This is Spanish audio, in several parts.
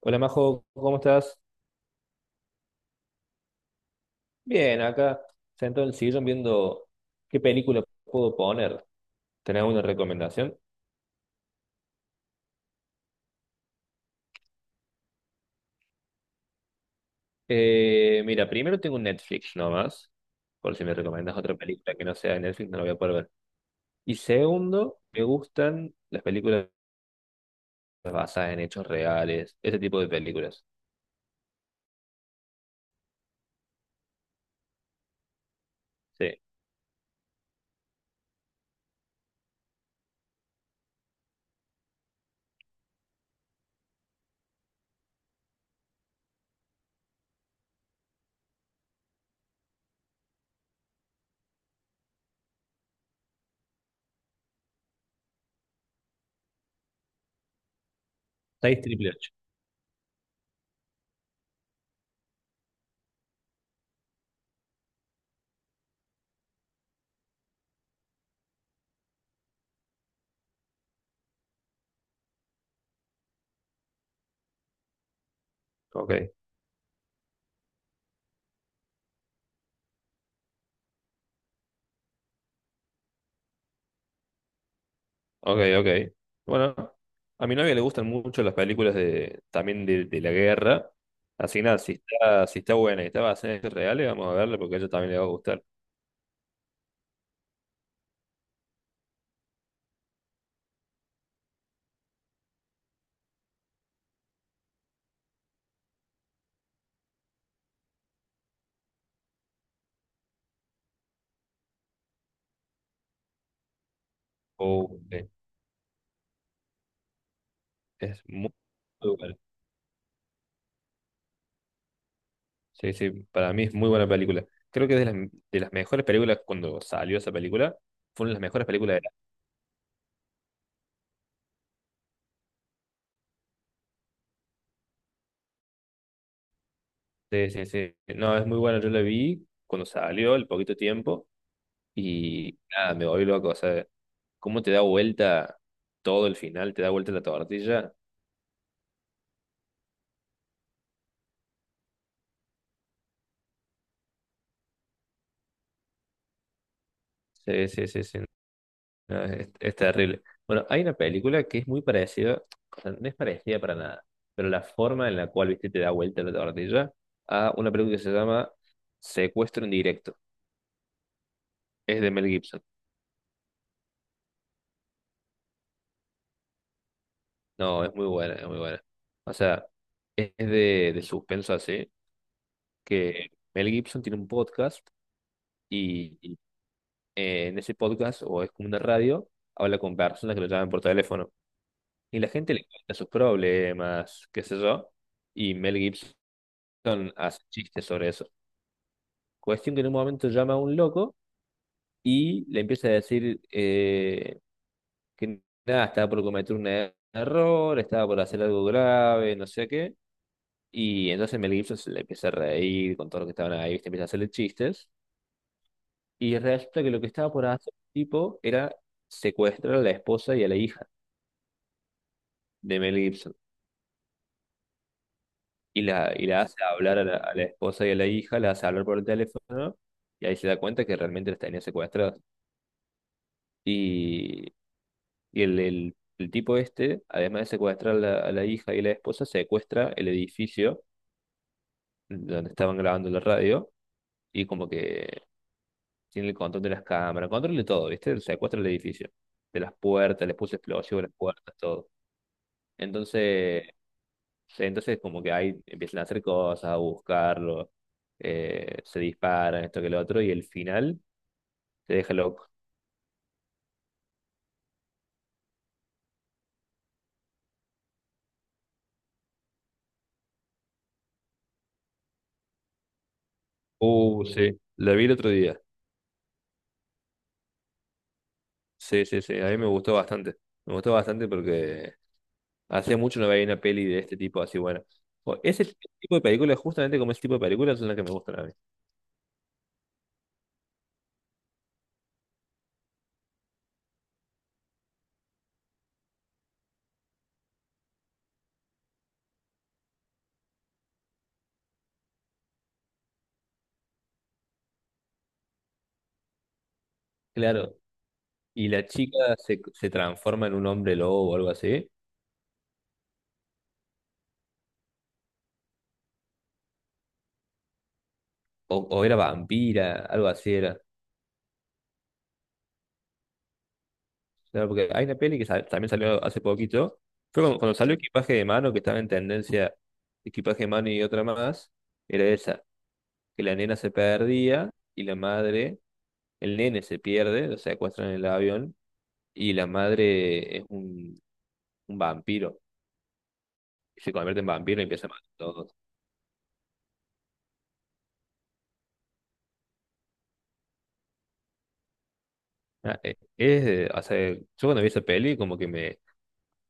Hola Majo, ¿cómo estás? Bien, acá sentado en el sillón viendo qué película puedo poner. ¿Tenés alguna recomendación? Mira, primero tengo un Netflix nomás, por si me recomendas otra película que no sea de Netflix, no la voy a poder ver. Y segundo, me gustan las películas basadas en hechos reales, ese tipo de películas. Sí, 6 triple 8. Ok. Ok, ok. Bueno, a mi novia le gustan mucho las películas de, también de la guerra. Así que nada, si está, si está buena y está basada en hechos reales, vamos a verla porque a ella también le va a gustar. Oh, eh, es muy, muy buena. Sí, sí, para mí es muy buena película. Creo que es de las mejores películas cuando salió esa película. Fue una de las mejores películas de la... Sí, sí, sí. No, es muy buena. Yo la vi cuando salió, el poquito tiempo. Y nada, me volví loco. O sea, cómo te da vuelta todo el final, te da vuelta la tortilla. Sí, sí, sí, sí. No, es terrible. Bueno, hay una película que es muy parecida, o sea, no es parecida para nada, pero la forma en la cual, viste, te da vuelta la tortilla a una película que se llama Secuestro en directo. Es de Mel Gibson. No, es muy buena, es muy buena. O sea, es de suspenso así, que Mel Gibson tiene un podcast y, y, en ese podcast, o es como una radio, habla con personas que lo llaman por teléfono y la gente le cuenta sus problemas, qué sé yo. Y Mel Gibson son, hace chistes sobre eso. Cuestión que en un momento llama a un loco y le empieza a decir que nada, estaba por cometer un error, estaba por hacer algo grave, no sé qué. Y entonces Mel Gibson se le empieza a reír con todo lo que estaban ahí, ¿viste? Empieza a hacerle chistes. Y resulta que lo que estaba por hacer el tipo era secuestrar a la esposa y a la hija de Mel Gibson. Y la hace hablar a la esposa y a la hija, la hace hablar por el teléfono, y ahí se da cuenta que realmente las tenía secuestradas. Y Y el tipo este, además de secuestrar a la hija y la esposa, secuestra el edificio donde estaban grabando la radio y como que tiene el control de las cámaras, control de todo, ¿viste? Secuestra el edificio, de las puertas, les puso explosivo a las puertas, todo. Entonces, entonces como que ahí empiezan a hacer cosas, a buscarlo, se disparan, esto que lo otro, y el final te deja loco. Sí, la vi el otro día. Sí, sí, sí, a mí me gustó bastante. Me gustó bastante porque hace mucho no veía una peli de este tipo así buena. Ese tipo de películas, justamente como ese tipo de películas, son las que me gustan a mí. Claro. Y la chica se, se transforma en un hombre lobo o algo así. O era vampira, algo así era. Claro, porque hay una peli que también salió hace poquito. Fue cuando, cuando salió Equipaje de Mano, que estaba en tendencia Equipaje de Mano y otra más. Era esa, que la nena se perdía y la madre, el nene se pierde, lo secuestran en el avión y la madre es un vampiro. Se convierte en vampiro y empieza a matar a todos. O sea, yo cuando vi esa peli como que me,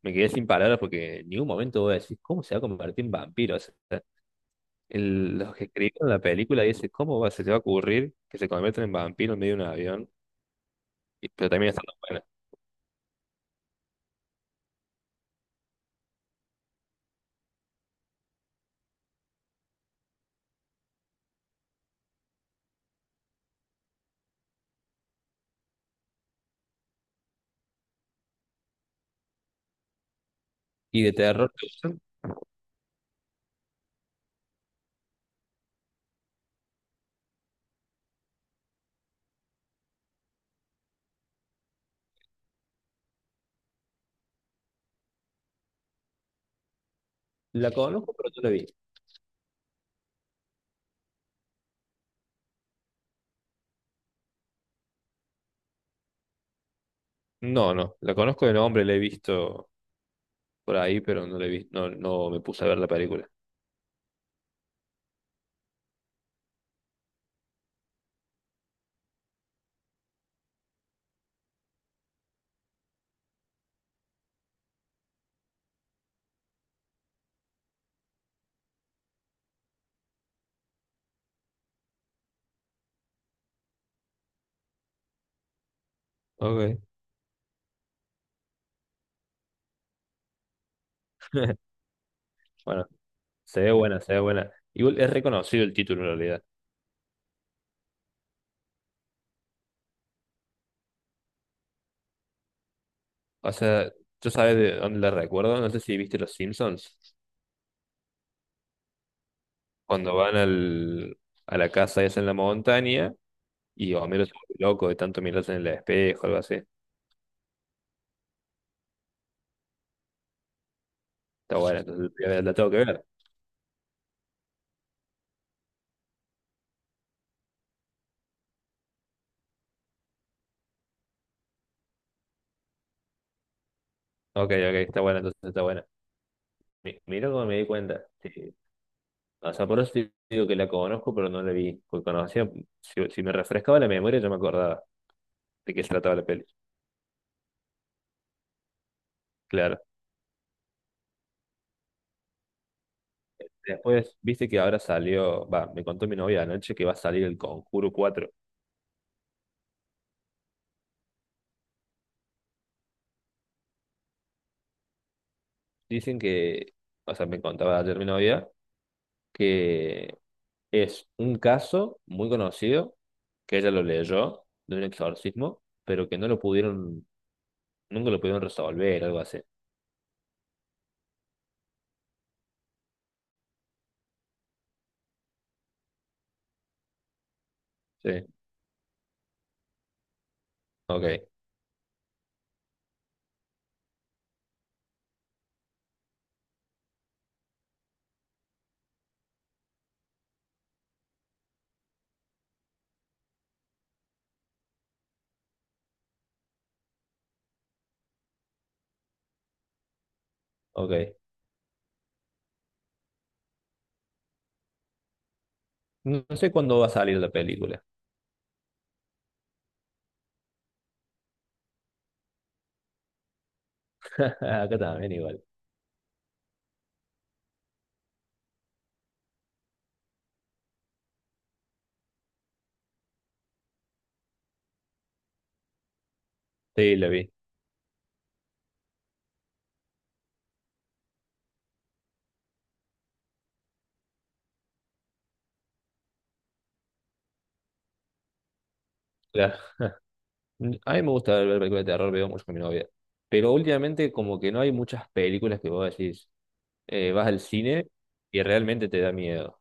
me quedé sin palabras porque en ningún momento voy a decir, ¿cómo se va a convertir en vampiro? O sea, los que escribieron la película dicen, ¿cómo va, se te va a ocurrir que se conviertan en vampiro en medio de un avión? Y- pero también está buena. Y de terror, la conozco, pero no la vi. No, no, la conozco de nombre, la he visto por ahí, pero no la he visto, no, no me puse a ver la película. Ok. Bueno, se ve buena, se ve buena. Igual es reconocido el título en realidad. O sea, yo sabes de dónde la recuerdo, no sé si viste Los Simpsons, cuando van al, a la casa esa en la montaña y Homero se vuelve loco de tanto mirarse en el espejo, algo así. Está buena, entonces la la tengo que ver. Ok, ok, está buena, entonces está buena. Mira cómo me di cuenta. Sí. O sea, por eso te digo que la conozco, pero no la vi. Porque conocía, si, si me refrescaba la memoria, yo me acordaba de qué se trataba la peli. Claro. Después, viste que ahora salió, va, me contó mi novia anoche que va a salir el Conjuro cuatro. Dicen que, o sea, me contaba ayer mi novia que es un caso muy conocido, que ella lo leyó de un exorcismo, pero que no lo pudieron, nunca lo pudieron resolver, algo así. Sí, ok, ok. No no sé cuándo va a salir la película. Acá también igual. Sí, la vi. Claro, a mí me gusta ver películas de terror, veo mucho con mi novia. Pero últimamente como que no hay muchas películas que vos decís, vas al cine y realmente te da miedo.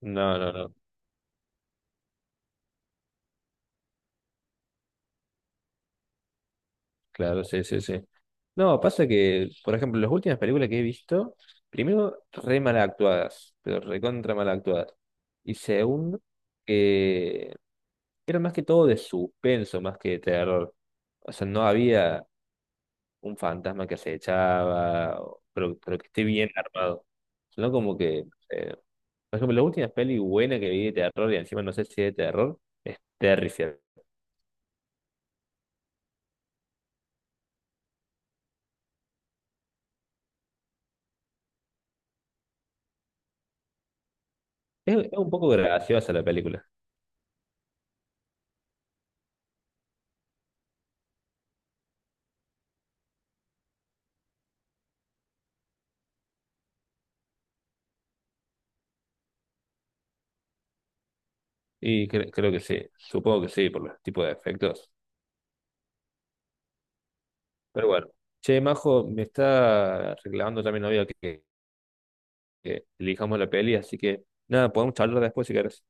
No, no, no. Claro, sí, sí, sí. No, pasa que, por ejemplo, las últimas películas que he visto, primero, re mal actuadas, pero recontra mal actuadas. Y segundo, que eran más que todo de suspenso, más que de terror. O sea, no había un fantasma que se echaba pero que esté bien armado. Sino como que, eh, por ejemplo, la última peli buena que vi de terror, y encima no sé si es de terror, es Terrifier. Es un poco graciosa la película. Y creo que sí, supongo que sí, por los tipos de efectos. Pero bueno, che, Majo, me está reclamando también novia que elijamos la peli, así que nada, podemos charlar después si querés.